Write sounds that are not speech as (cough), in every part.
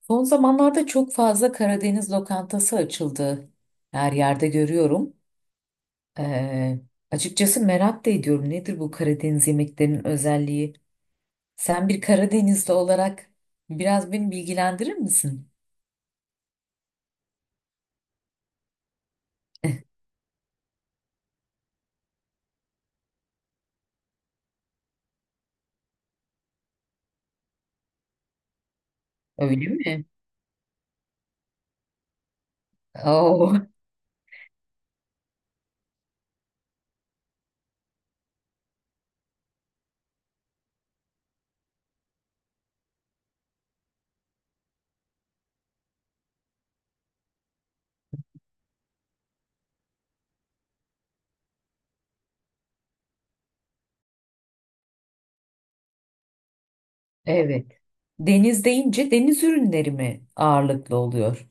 Son zamanlarda çok fazla Karadeniz lokantası açıldı. Her yerde görüyorum. Ee, Açıkçası merak da ediyorum. Nedir bu Karadeniz yemeklerinin özelliği? Sen bir Karadenizli olarak biraz beni bilgilendirir misin? Öyle mi? Oo, evet. Deniz deyince deniz ürünleri mi ağırlıklı oluyor?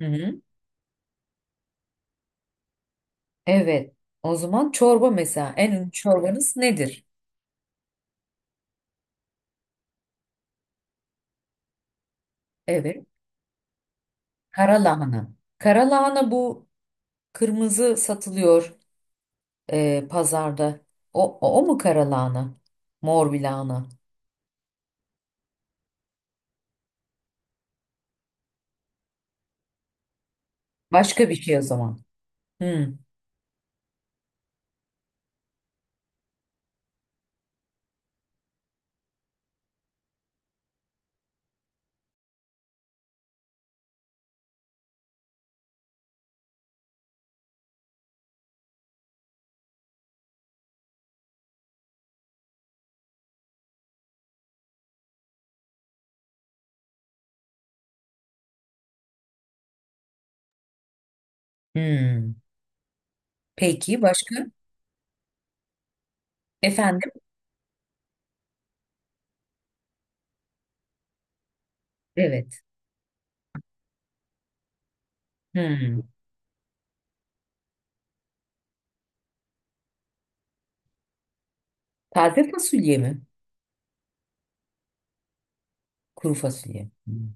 Hı hı. Evet. O zaman çorba mesela. En ünlü çorbanız nedir? Evet. Kara lahana. Kara lahana bu kırmızı satılıyor, pazarda. O mu kara lahana? Mor bir lahana. Başka bir şey o zaman. Hmm. Hmm. Peki başka? Efendim? Evet. Hmm. Taze fasulye mi? Kuru fasulye. Hmm.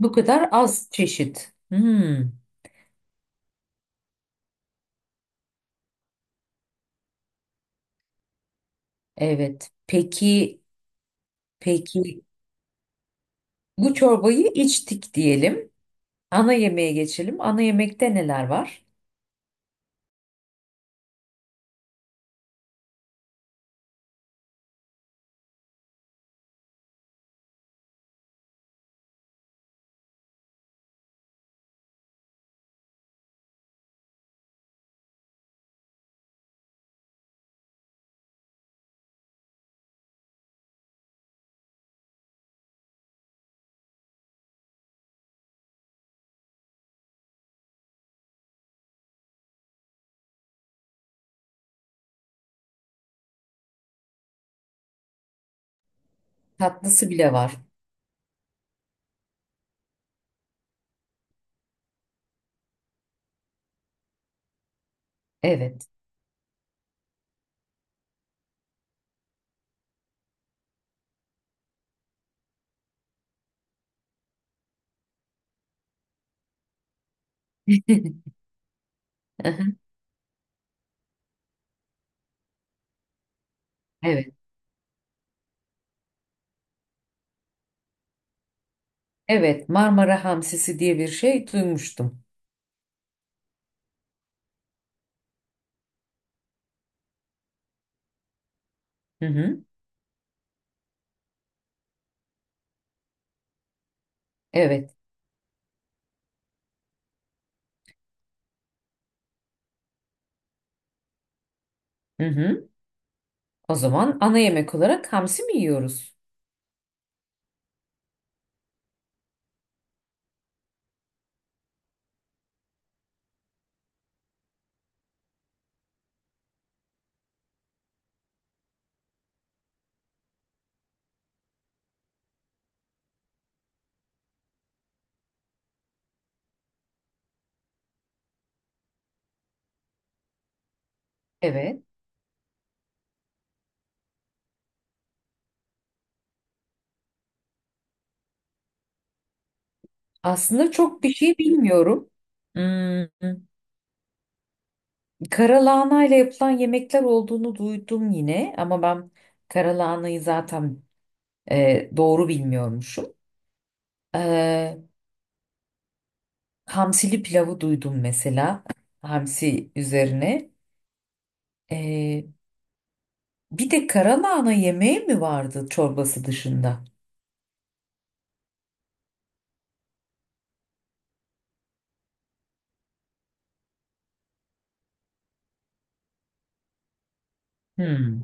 Bu kadar az çeşit. Hmm. Evet. Peki, peki bu çorbayı içtik diyelim. Ana yemeğe geçelim. Ana yemekte neler var? Tatlısı bile var. Evet. (laughs) Evet. Evet, Marmara hamsisi diye bir şey duymuştum. Hı hı. Evet. Hı hı. O zaman ana yemek olarak hamsi mi yiyoruz? Evet. Aslında çok bir şey bilmiyorum. Hmm, karalahana ile yapılan yemekler olduğunu duydum yine ama ben karalahanayı zaten doğru bilmiyormuşum. E, Hamsili pilavı duydum mesela. Hamsi üzerine. E, Bir de karalahana yemeği mi vardı çorbası dışında? Hmm.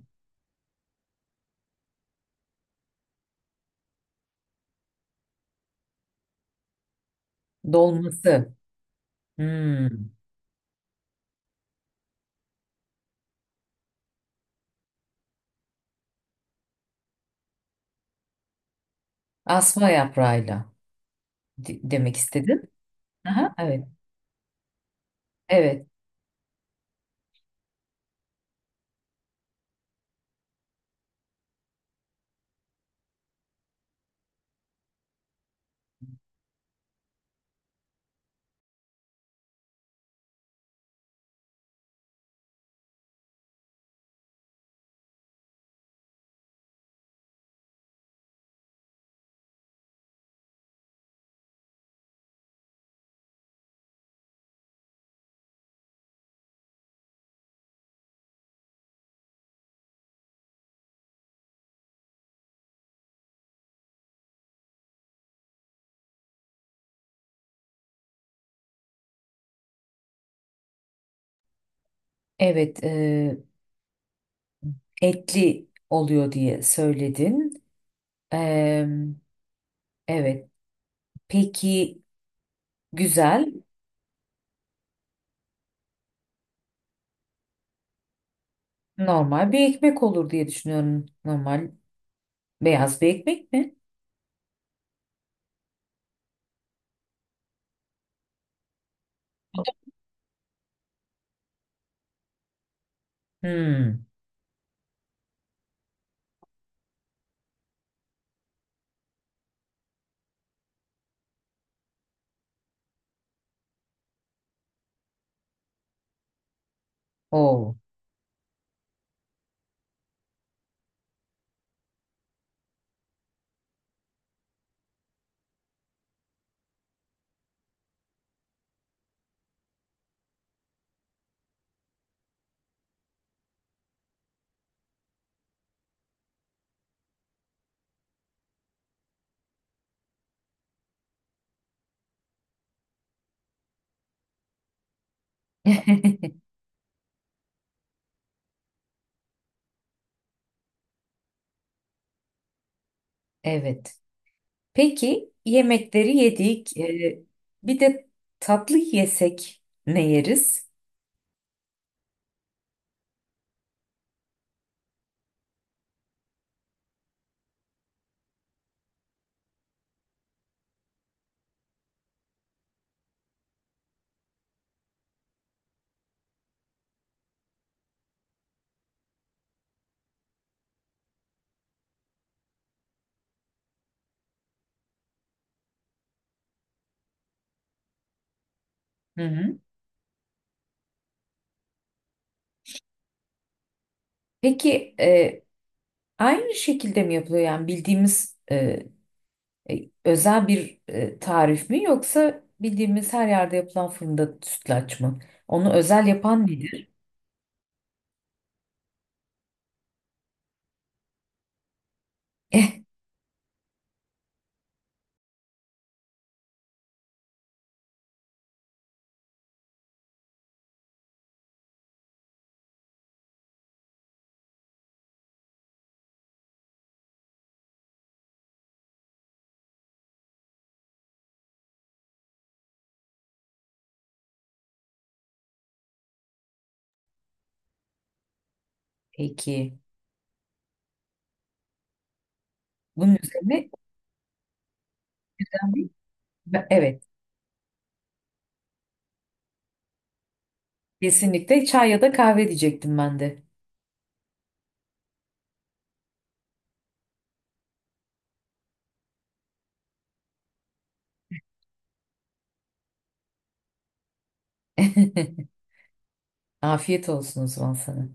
Dolması. Hmm. Asma yaprağıyla demek istedin. Aha, evet. Evet. Evet. Etli oluyor diye söyledin. E, evet. Peki güzel. Normal bir ekmek olur diye düşünüyorum. Normal beyaz bir ekmek mi? Hmm. Oo. (laughs) Evet. Peki yemekleri yedik. Bir de tatlı yesek ne yeriz? Hı hı. Peki aynı şekilde mi yapılıyor yani bildiğimiz özel bir tarif mi yoksa bildiğimiz her yerde yapılan fırında sütlaç mı? Onu özel yapan nedir? (laughs) Peki bunun üzerine evet, kesinlikle çay ya da kahve diyecektim ben de. (laughs) Afiyet olsun o zaman sana.